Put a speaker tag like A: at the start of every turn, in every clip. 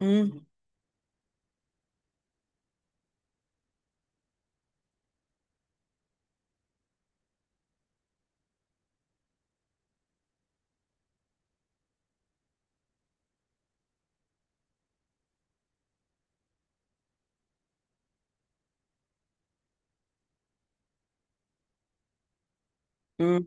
A: مم. مم.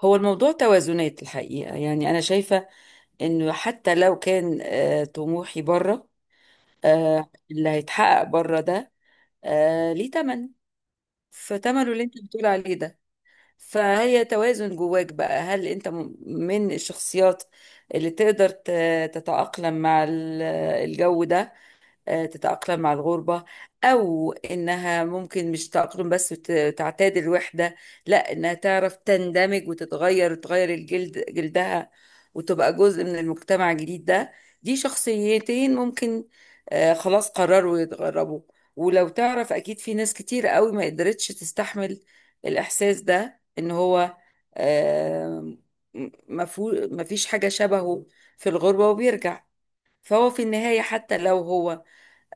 A: هو الموضوع توازنات الحقيقة، يعني أنا شايفة إنه حتى لو كان طموحي بره، اللي هيتحقق بره ده ليه تمن. فتمنه اللي أنت بتقول عليه ده، فهي توازن جواك بقى. هل أنت من الشخصيات اللي تقدر تتأقلم مع الجو ده، تتأقلم مع الغربة، أو إنها ممكن مش تأقلم بس وتعتاد الوحدة، لا إنها تعرف تندمج وتتغير وتغير الجلد جلدها وتبقى جزء من المجتمع الجديد ده. دي شخصيتين ممكن خلاص قرروا يتغربوا. ولو تعرف أكيد في ناس كتير قوي ما قدرتش تستحمل الإحساس ده، إن هو آه، مفيش حاجة شبهه في الغربة، وبيرجع. فهو في النهاية حتى لو هو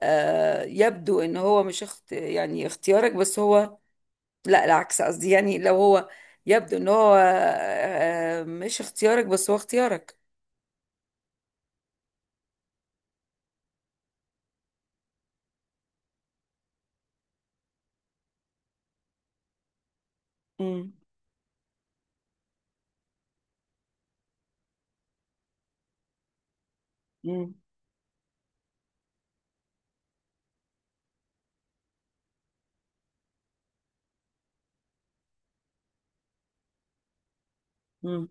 A: يبدو ان هو مش يعني اختيارك، بس هو، لا العكس قصدي، يعني لو هو يبدو ان هو مش اختيارك، بس هو اختيارك. مم. مم. مم.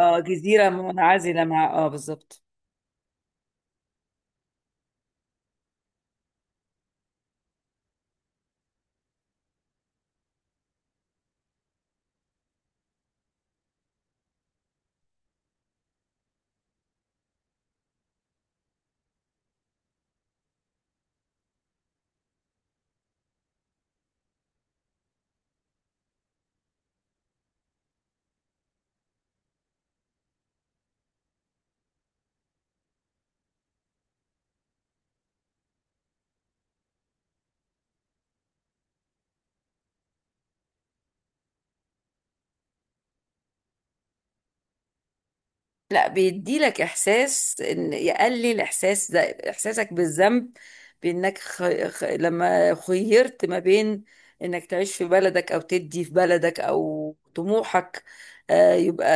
A: اه، جزيرة منعزلة مع بالظبط. لا، بيديلك احساس ان يقلل احساس ده، احساسك بالذنب بانك لما خيرت ما بين انك تعيش في بلدك او تدي في بلدك او طموحك، يبقى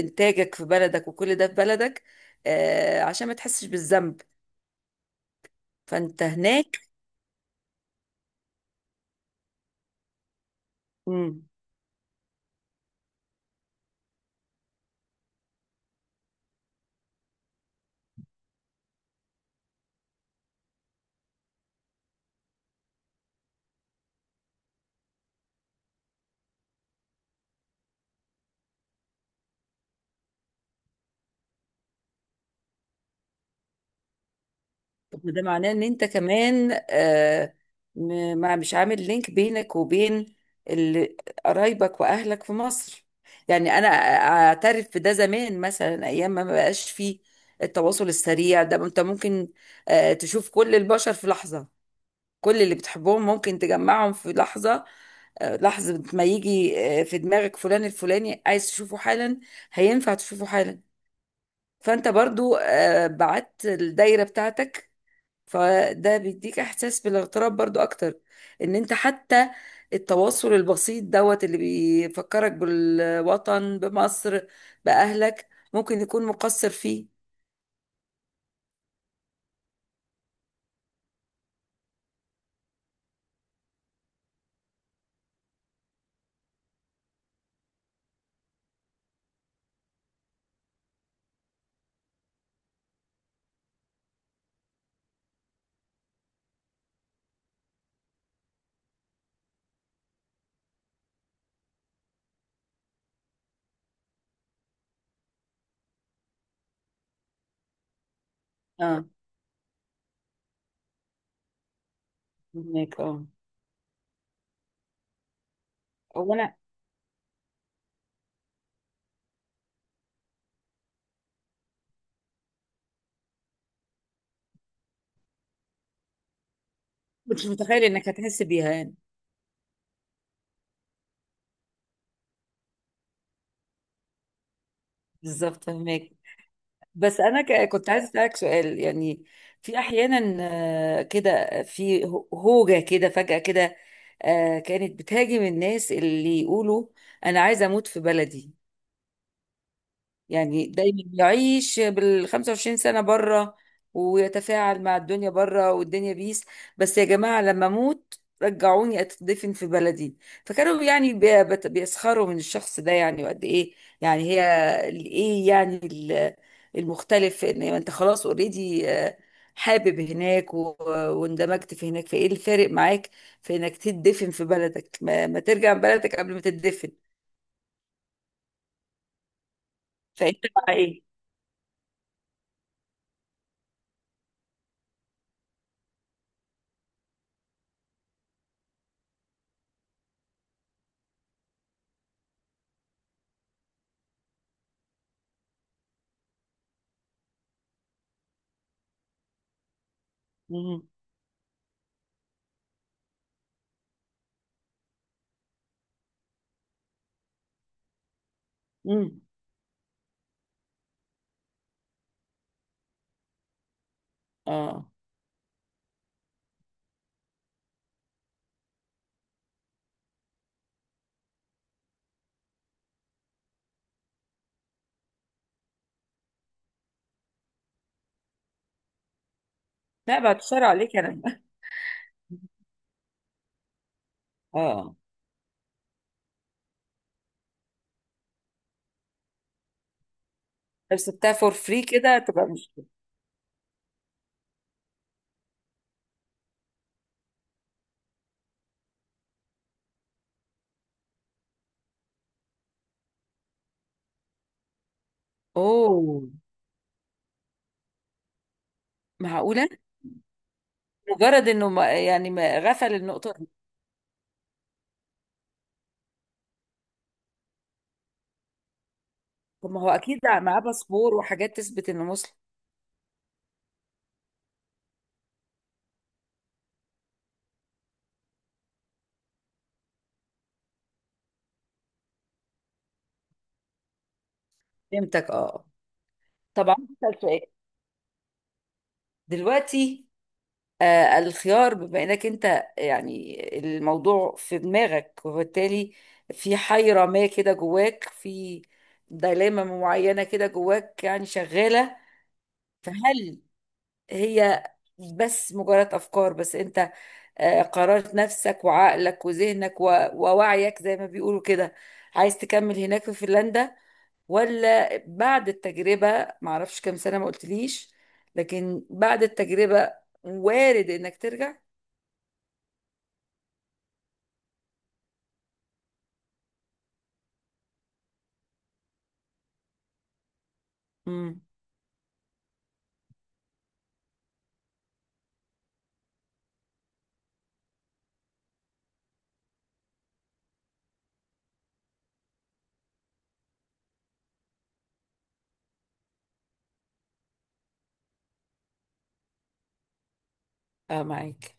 A: انتاجك في بلدك وكل ده في بلدك، عشان ما تحسش بالذنب فانت هناك. مم. طب ما ده معناه ان انت كمان ما مش عامل لينك بينك وبين ال- قرايبك واهلك في مصر. يعني انا اعترف في ده، زمان مثلا ايام ما بقاش فيه التواصل السريع ده، انت ممكن تشوف كل البشر في لحظة، كل اللي بتحبهم ممكن تجمعهم في لحظة، لحظة ما يجي في دماغك فلان الفلاني عايز تشوفه حالا، هينفع تشوفه حالا. فانت برضو بعت الدايرة بتاعتك، فده بيديك احساس بالاغتراب برضو اكتر، ان انت حتى التواصل البسيط دوت اللي بيفكرك بالوطن، بمصر، باهلك، ممكن يكون مقصر فيه. اه، فهمك. اه، هو انا كنت متخيل انك هتحس بيها يعني. بالظبط، فهمك. بس انا كنت عايزه اسالك سؤال يعني. في احيانا كده، في هوجه كده فجاه كده كانت بتهاجم الناس اللي يقولوا انا عايزه اموت في بلدي. يعني دايما يعيش بال 25 سنة بره، ويتفاعل مع الدنيا بره والدنيا، بس يا جماعة لما اموت رجعوني اتدفن في بلدي. فكانوا يعني بيسخروا من الشخص ده، يعني وقد ايه، يعني هي ايه يعني المختلف ان انت خلاص اوريدي حابب هناك واندمجت في هناك، فايه الفارق معاك في انك تدفن في بلدك، ما ترجع بلدك قبل ما تدفن. فانت مع ايه؟ مم. مم. اه، لا بعد الشر عليك. انا اه لو سبتها فور فري كده تبقى مشكله. اوه، معقوله، مجرد انه ما يعني ما غفل النقطه دي. طب ما هو اكيد معاه باسبور وحاجات تثبت انه مسلم. فهمتك، اه. طبعا، اسال سؤال. دلوقتي الخيار، بما انك انت يعني الموضوع في دماغك، وبالتالي في حيره ما كده جواك، في ديلاما معينه كده جواك يعني شغاله. فهل هي بس مجرد أفكار، بس أنت قررت نفسك وعقلك وذهنك ووعيك زي ما بيقولوا كده عايز تكمل هناك في فنلندا، ولا بعد التجربة، معرفش كام سنة ما قلتليش، لكن بعد التجربة وارد إنك ترجع. امم. اه، معاك.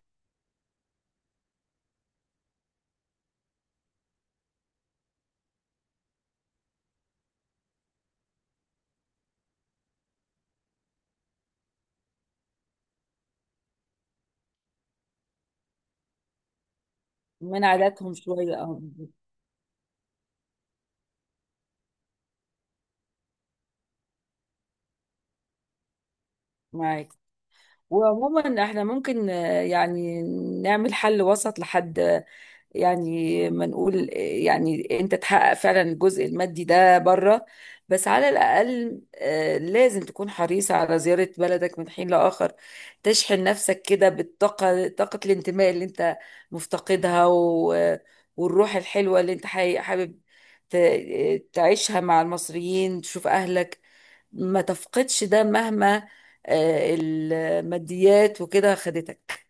A: من عاداتهم شوية، اه، معاك. وعموما احنا ممكن يعني نعمل حل وسط لحد، يعني ما نقول يعني انت تحقق فعلا الجزء المادي ده بره، بس على الأقل لازم تكون حريص على زيارة بلدك من حين لآخر، تشحن نفسك كده بالطاقة، طاقة الانتماء اللي انت مفتقدها والروح الحلوة اللي انت حابب ت... تعيشها مع المصريين، تشوف أهلك، ما تفقدش ده مهما الماديات وكده خدتك.